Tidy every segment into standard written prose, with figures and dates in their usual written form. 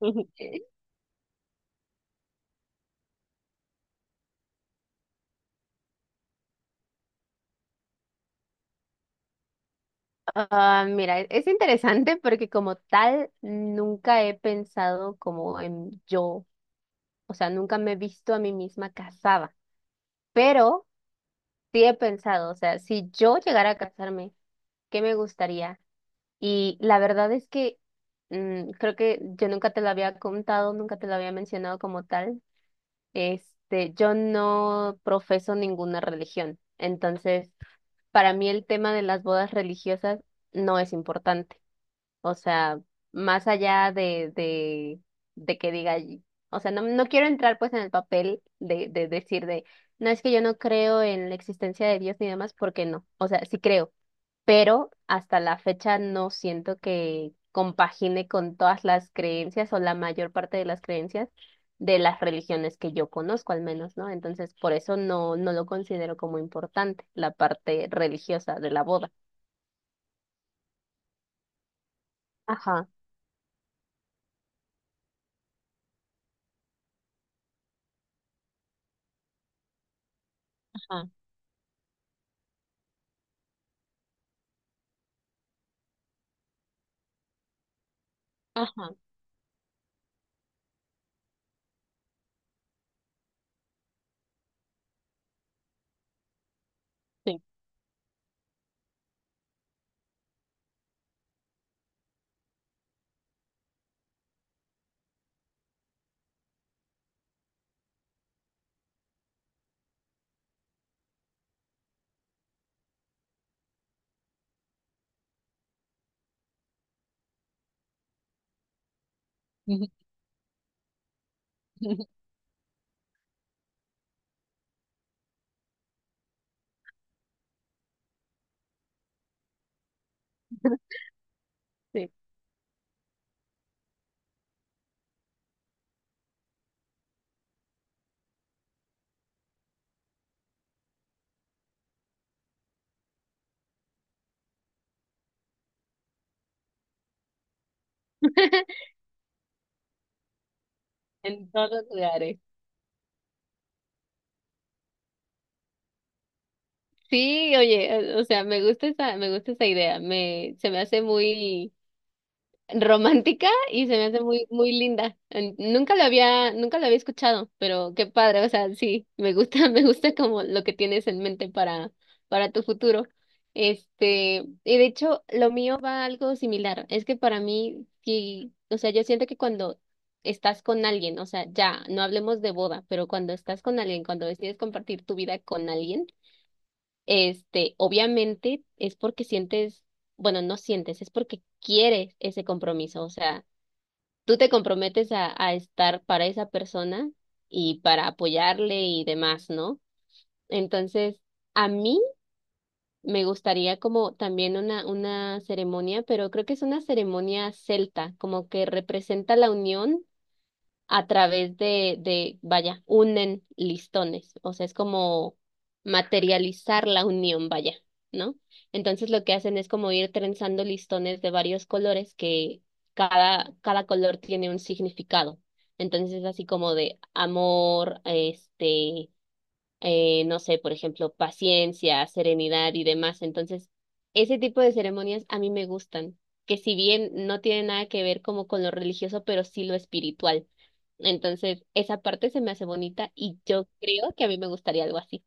Ah, mira, es interesante porque como tal nunca he pensado como en yo, o sea, nunca me he visto a mí misma casada, pero sí he pensado, o sea, si yo llegara a casarme, ¿qué me gustaría? Y la verdad es que creo que yo nunca te lo había contado, nunca te lo había mencionado como tal. Este, yo no profeso ninguna religión, entonces para mí el tema de las bodas religiosas no es importante. O sea, más allá de que o sea, no, no quiero entrar pues en el papel de decir de, no es que yo no creo en la existencia de Dios ni demás, porque no, o sea, sí creo, pero hasta la fecha no siento que compagine con todas las creencias o la mayor parte de las creencias de las religiones que yo conozco al menos, ¿no? Entonces, por eso no, no lo considero como importante, la parte religiosa de la boda. Ajá, ajá, ajá, sí, ujú, sí. En todos los lugares. Sí, oye, o sea, me gusta esa idea, me, se me hace muy romántica y se me hace muy, muy linda. Nunca lo había, nunca lo había escuchado, pero qué padre, o sea, sí, me gusta, me gusta como lo que tienes en mente para tu futuro. Este, y de hecho, lo mío va algo similar. Es que para mí, sí, o sea, yo siento que cuando estás con alguien, o sea, ya, no hablemos de boda, pero cuando estás con alguien, cuando decides compartir tu vida con alguien, este, obviamente es porque sientes, bueno, no sientes, es porque quieres ese compromiso. O sea, tú te comprometes a estar para esa persona y para apoyarle y demás, ¿no? Entonces, a mí me gustaría como también una ceremonia, pero creo que es una ceremonia celta, como que representa la unión a través vaya, unen listones, o sea, es como materializar la unión, vaya, ¿no? Entonces lo que hacen es como ir trenzando listones de varios colores que cada color tiene un significado. Entonces es así como de amor, este, no sé, por ejemplo, paciencia, serenidad y demás. Entonces, ese tipo de ceremonias a mí me gustan, que si bien no tiene nada que ver como con lo religioso, pero sí lo espiritual. Entonces, esa parte se me hace bonita y yo creo que a mí me gustaría algo así.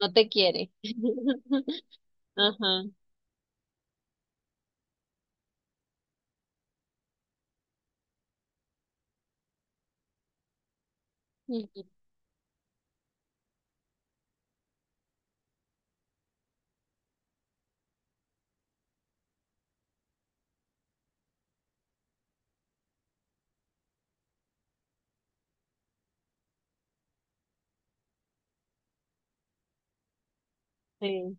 No te quiere. Ajá. Sí.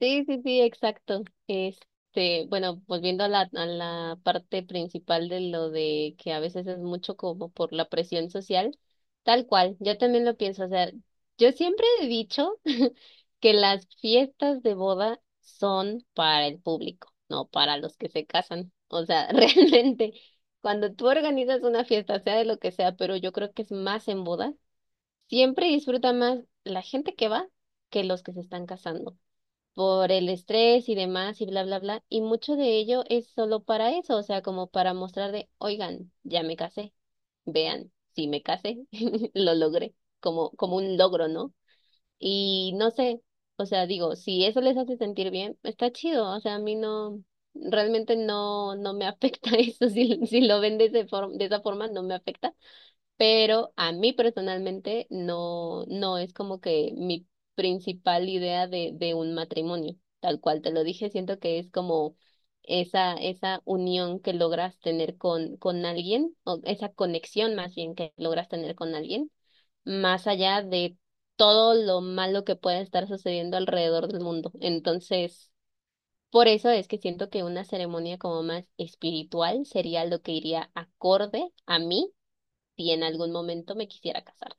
Sí, sí, sí, exacto. Este, bueno, volviendo a a la parte principal de lo de que a veces es mucho como por la presión social, tal cual, yo también lo pienso, o sea, yo siempre he dicho que las fiestas de boda son para el público, no para los que se casan. O sea, realmente, cuando tú organizas una fiesta, sea de lo que sea, pero yo creo que es más en boda, siempre disfruta más la gente que va que los que se están casando por el estrés y demás y bla, bla, bla. Y mucho de ello es solo para eso, o sea, como para mostrar de, oigan, ya me casé, vean, si me casé, lo logré, como, como un logro, ¿no? Y no sé, o sea, digo, si eso les hace sentir bien, está chido, o sea, a mí no, realmente no, no me afecta eso, si, si lo ven de, de esa forma, no me afecta, pero a mí personalmente no, no es como que mi principal idea de un matrimonio, tal cual te lo dije, siento que es como esa unión que logras tener con alguien, o esa conexión más bien que logras tener con alguien, más allá de todo lo malo que pueda estar sucediendo alrededor del mundo. Entonces, por eso es que siento que una ceremonia como más espiritual sería lo que iría acorde a mí si en algún momento me quisiera casar.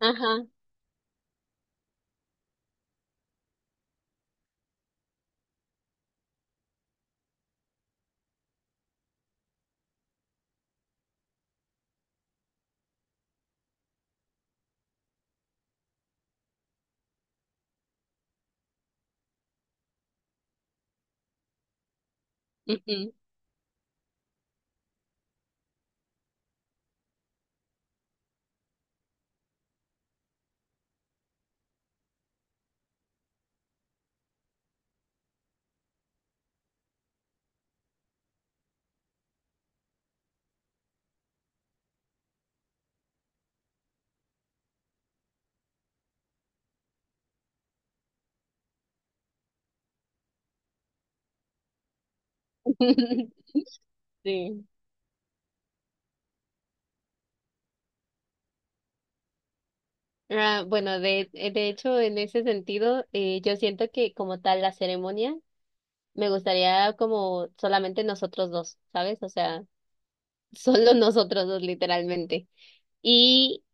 Ajá, ujú. Sí. Ah, bueno, de hecho, en ese sentido, yo siento que como tal la ceremonia me gustaría como solamente nosotros dos, ¿sabes? O sea, solo nosotros dos literalmente. Y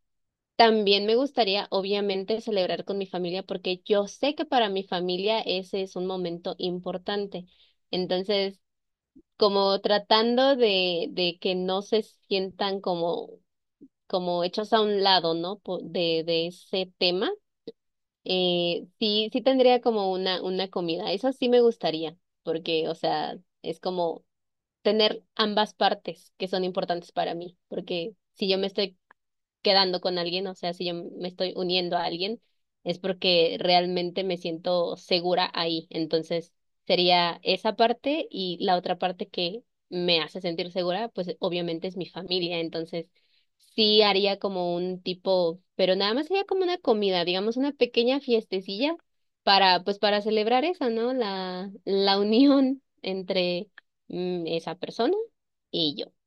también me gustaría, obviamente, celebrar con mi familia porque yo sé que para mi familia ese es un momento importante. Entonces, como tratando de que no se sientan como como hechos a un lado, ¿no? De ese tema, sí, sí tendría como una comida. Eso sí me gustaría, porque, o sea, es como tener ambas partes que son importantes para mí, porque si yo me estoy quedando con alguien, o sea, si yo me estoy uniendo a alguien, es porque realmente me siento segura ahí. Entonces, sería esa parte y la otra parte que me hace sentir segura, pues obviamente es mi familia. Entonces, sí haría como un tipo, pero nada más sería como una comida, digamos, una pequeña fiestecilla para, pues para celebrar eso, ¿no? La unión entre esa persona y yo.